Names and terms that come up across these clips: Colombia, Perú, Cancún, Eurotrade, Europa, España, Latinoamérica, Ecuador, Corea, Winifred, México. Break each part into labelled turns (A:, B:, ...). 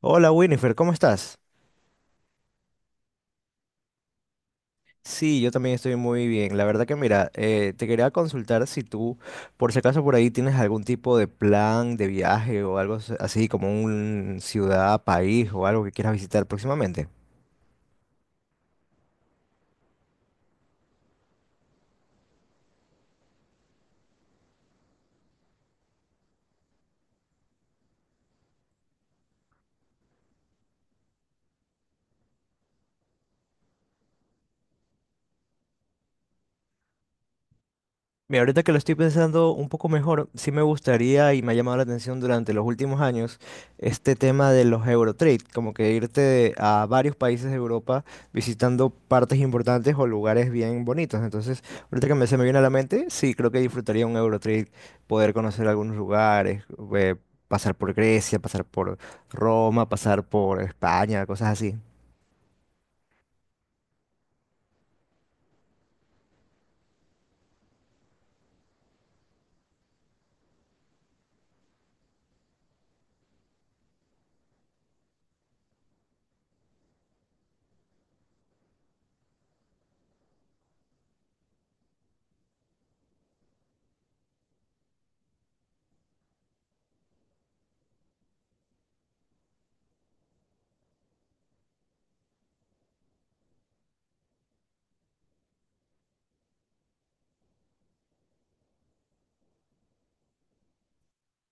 A: Hola Winifred, ¿cómo estás? Sí, yo también estoy muy bien. La verdad que mira, te quería consultar si tú, por si acaso por ahí tienes algún tipo de plan de viaje o algo así como un ciudad, país o algo que quieras visitar próximamente. Mira, ahorita que lo estoy pensando un poco mejor, sí me gustaría y me ha llamado la atención durante los últimos años este tema de los Eurotrade, como que irte a varios países de Europa visitando partes importantes o lugares bien bonitos. Entonces, ahorita que se me viene a la mente, sí, creo que disfrutaría un Eurotrade, poder conocer algunos lugares, eh, pasar por Grecia, pasar por Roma, pasar por España, cosas así.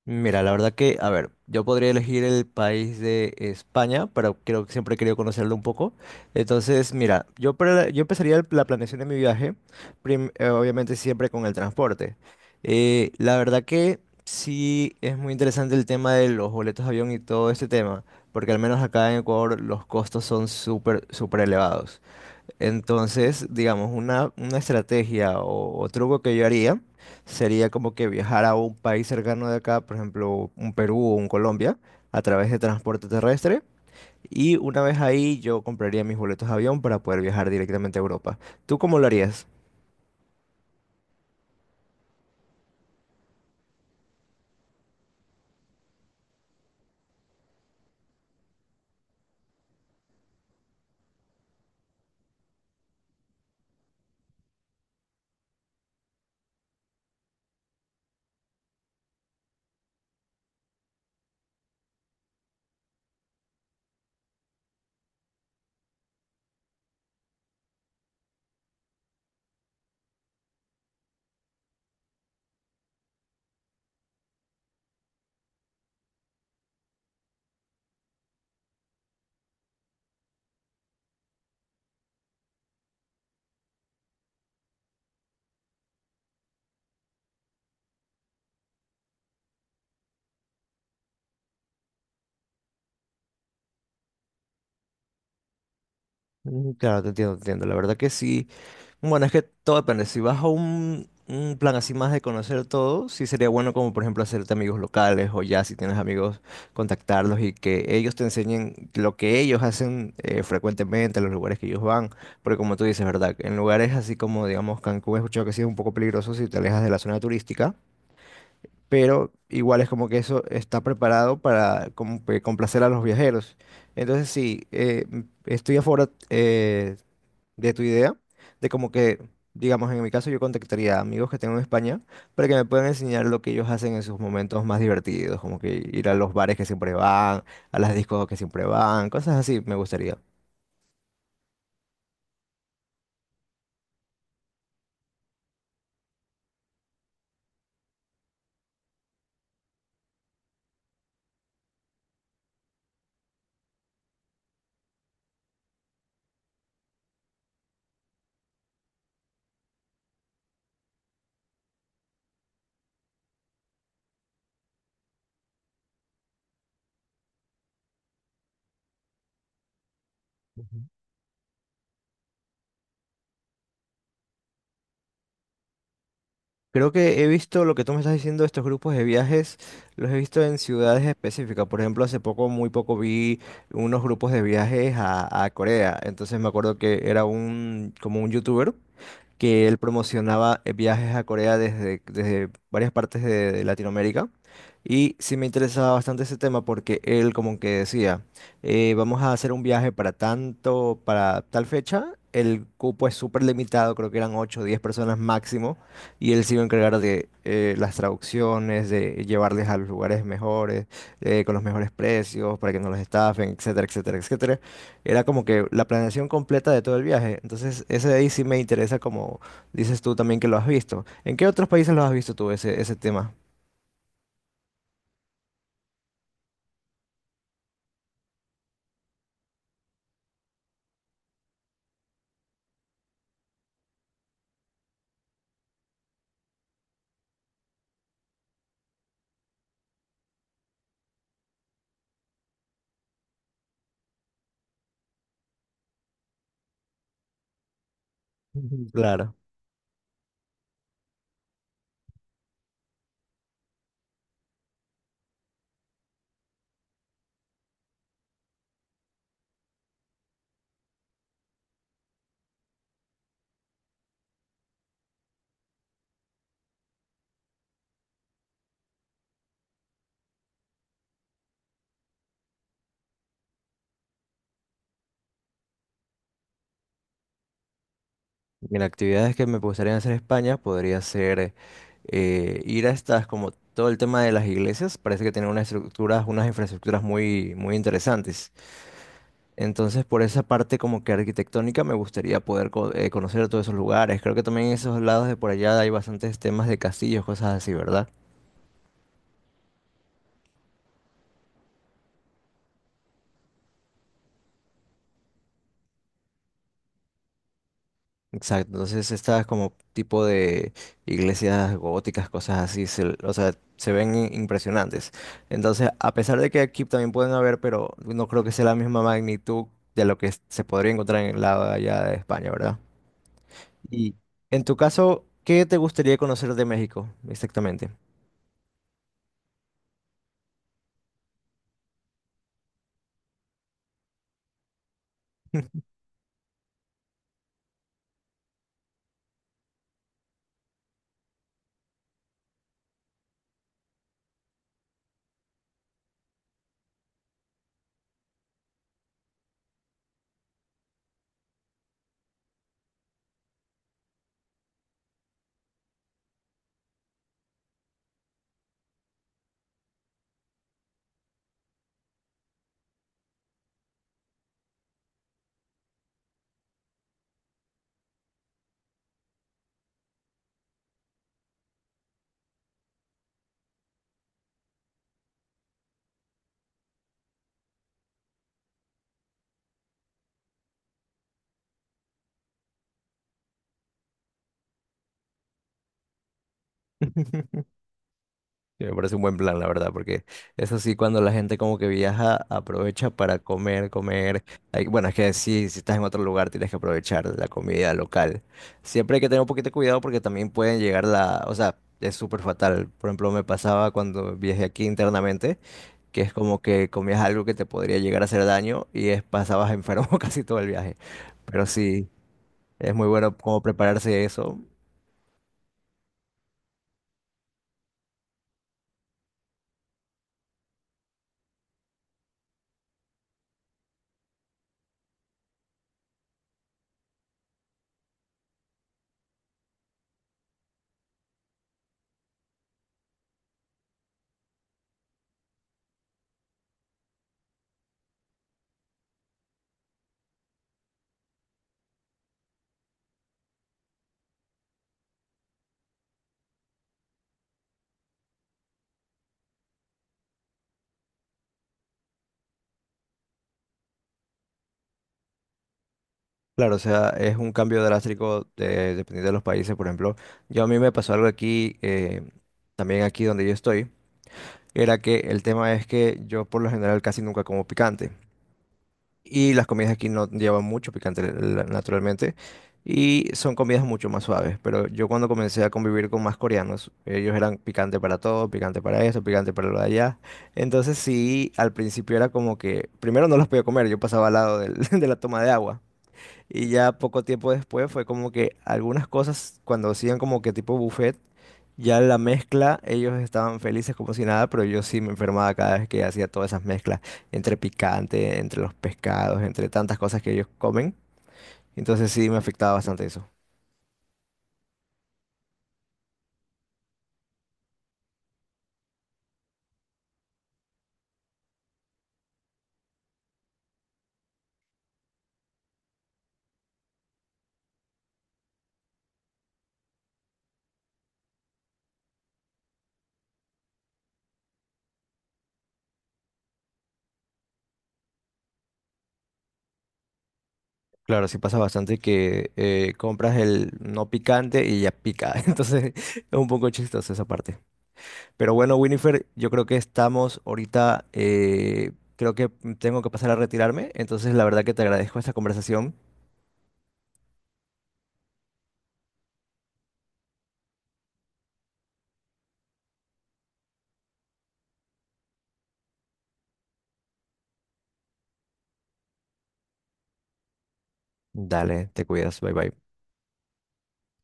A: Mira, la verdad que, a ver, yo podría elegir el país de España, pero creo que siempre he querido conocerlo un poco. Entonces, mira, yo, yo empezaría la planeación de mi viaje, obviamente siempre con el transporte. La verdad que sí es muy interesante el tema de los boletos de avión y todo este tema, porque al menos acá en Ecuador los costos son súper, súper elevados. Entonces, digamos, una estrategia o truco que yo haría sería como que viajar a un país cercano de acá, por ejemplo, un Perú o un Colombia, a través de transporte terrestre. Y una vez ahí yo compraría mis boletos de avión para poder viajar directamente a Europa. ¿Tú cómo lo harías? Mm, claro, te entiendo, te entiendo. La verdad que sí, bueno, es que todo depende. Si vas a un plan así más de conocer todo, sí sería bueno como por ejemplo hacerte amigos locales o ya si tienes amigos, contactarlos y que ellos te enseñen lo que ellos hacen frecuentemente, los lugares que ellos van. Porque como tú dices, ¿verdad? En lugares así como, digamos, Cancún, he escuchado que sí es un poco peligroso si te alejas de la zona turística, pero igual es como que eso está preparado para como que complacer a los viajeros. Entonces sí, estoy a favor, de tu idea, de como que, digamos, en mi caso yo contactaría a amigos que tengo en España para que me puedan enseñar lo que ellos hacen en sus momentos más divertidos, como que ir a los bares que siempre van, a las discos que siempre van, cosas así me gustaría. Ujú. Creo que he visto lo que tú me estás diciendo, estos grupos de viajes, los he visto en ciudades específicas. Por ejemplo, hace poco, muy poco, vi unos grupos de viajes a Corea. Entonces me acuerdo que era un, como un youtuber que él promocionaba viajes a Corea desde, desde varias partes de Latinoamérica. Y sí me interesaba bastante ese tema porque él como que decía, vamos a hacer un viaje para tanto, para tal fecha, el cupo es súper limitado, creo que eran 8 o 10 personas máximo, y él se iba a encargar de las traducciones, de llevarles a los lugares mejores, con los mejores precios, para que no los estafen, etcétera, etcétera, etcétera. Era como que la planeación completa de todo el viaje. Entonces, ese de ahí sí me interesa, como dices tú también que lo has visto. ¿En qué otros países lo has visto tú ese, ese tema? Ujú. Claro. Mira, actividades que me gustaría hacer en España podría ser ir a estas, como todo el tema de las iglesias, parece que tienen unas estructuras, unas infraestructuras muy, muy interesantes. Entonces, por esa parte como que arquitectónica me gustaría poder conocer todos esos lugares. Creo que también en esos lados de por allá hay bastantes temas de castillos, cosas así, ¿verdad? Exacto, entonces estas como tipo de iglesias góticas, cosas así, o sea, se ven impresionantes. Entonces, a pesar de que aquí también pueden haber, pero no creo que sea la misma magnitud de lo que se podría encontrar en el lado de allá de España, ¿verdad? Y en tu caso, ¿qué te gustaría conocer de México exactamente? Sí, me parece un buen plan, la verdad, porque eso sí, cuando la gente como que viaja, aprovecha para comer, comer. Bueno, es que sí, si estás en otro lugar, tienes que aprovechar la comida local. Siempre hay que tener un poquito de cuidado porque también pueden llegar la, o sea, es súper fatal. Por ejemplo, me pasaba cuando viajé aquí internamente, que es como que comías algo que te podría llegar a hacer daño y es, pasabas enfermo casi todo el viaje. Pero sí, es muy bueno como prepararse eso. Claro, o sea, es un cambio drástico dependiendo de los países. Por ejemplo, yo a mí me pasó algo aquí, también aquí donde yo estoy, era que el tema es que yo por lo general casi nunca como picante. Y las comidas aquí no llevan mucho picante, naturalmente, y son comidas mucho más suaves. Pero yo cuando comencé a convivir con más coreanos, ellos eran picante para todo, picante para esto, picante para lo de allá. Entonces sí, al principio era como que, primero no los podía comer, yo pasaba al lado de la toma de agua. Y ya poco tiempo después fue como que algunas cosas, cuando hacían como que tipo buffet, ya la mezcla, ellos estaban felices como si nada, pero yo sí me enfermaba cada vez que hacía todas esas mezclas, entre picante, entre los pescados, entre tantas cosas que ellos comen. Entonces sí me afectaba bastante eso. Claro, sí pasa bastante que compras el no picante y ya pica. Entonces es un poco chistoso esa parte. Pero bueno, Winifred, yo creo que estamos ahorita, creo que tengo que pasar a retirarme, entonces la verdad que te agradezco esta conversación. Dale, te cuidas, bye bye.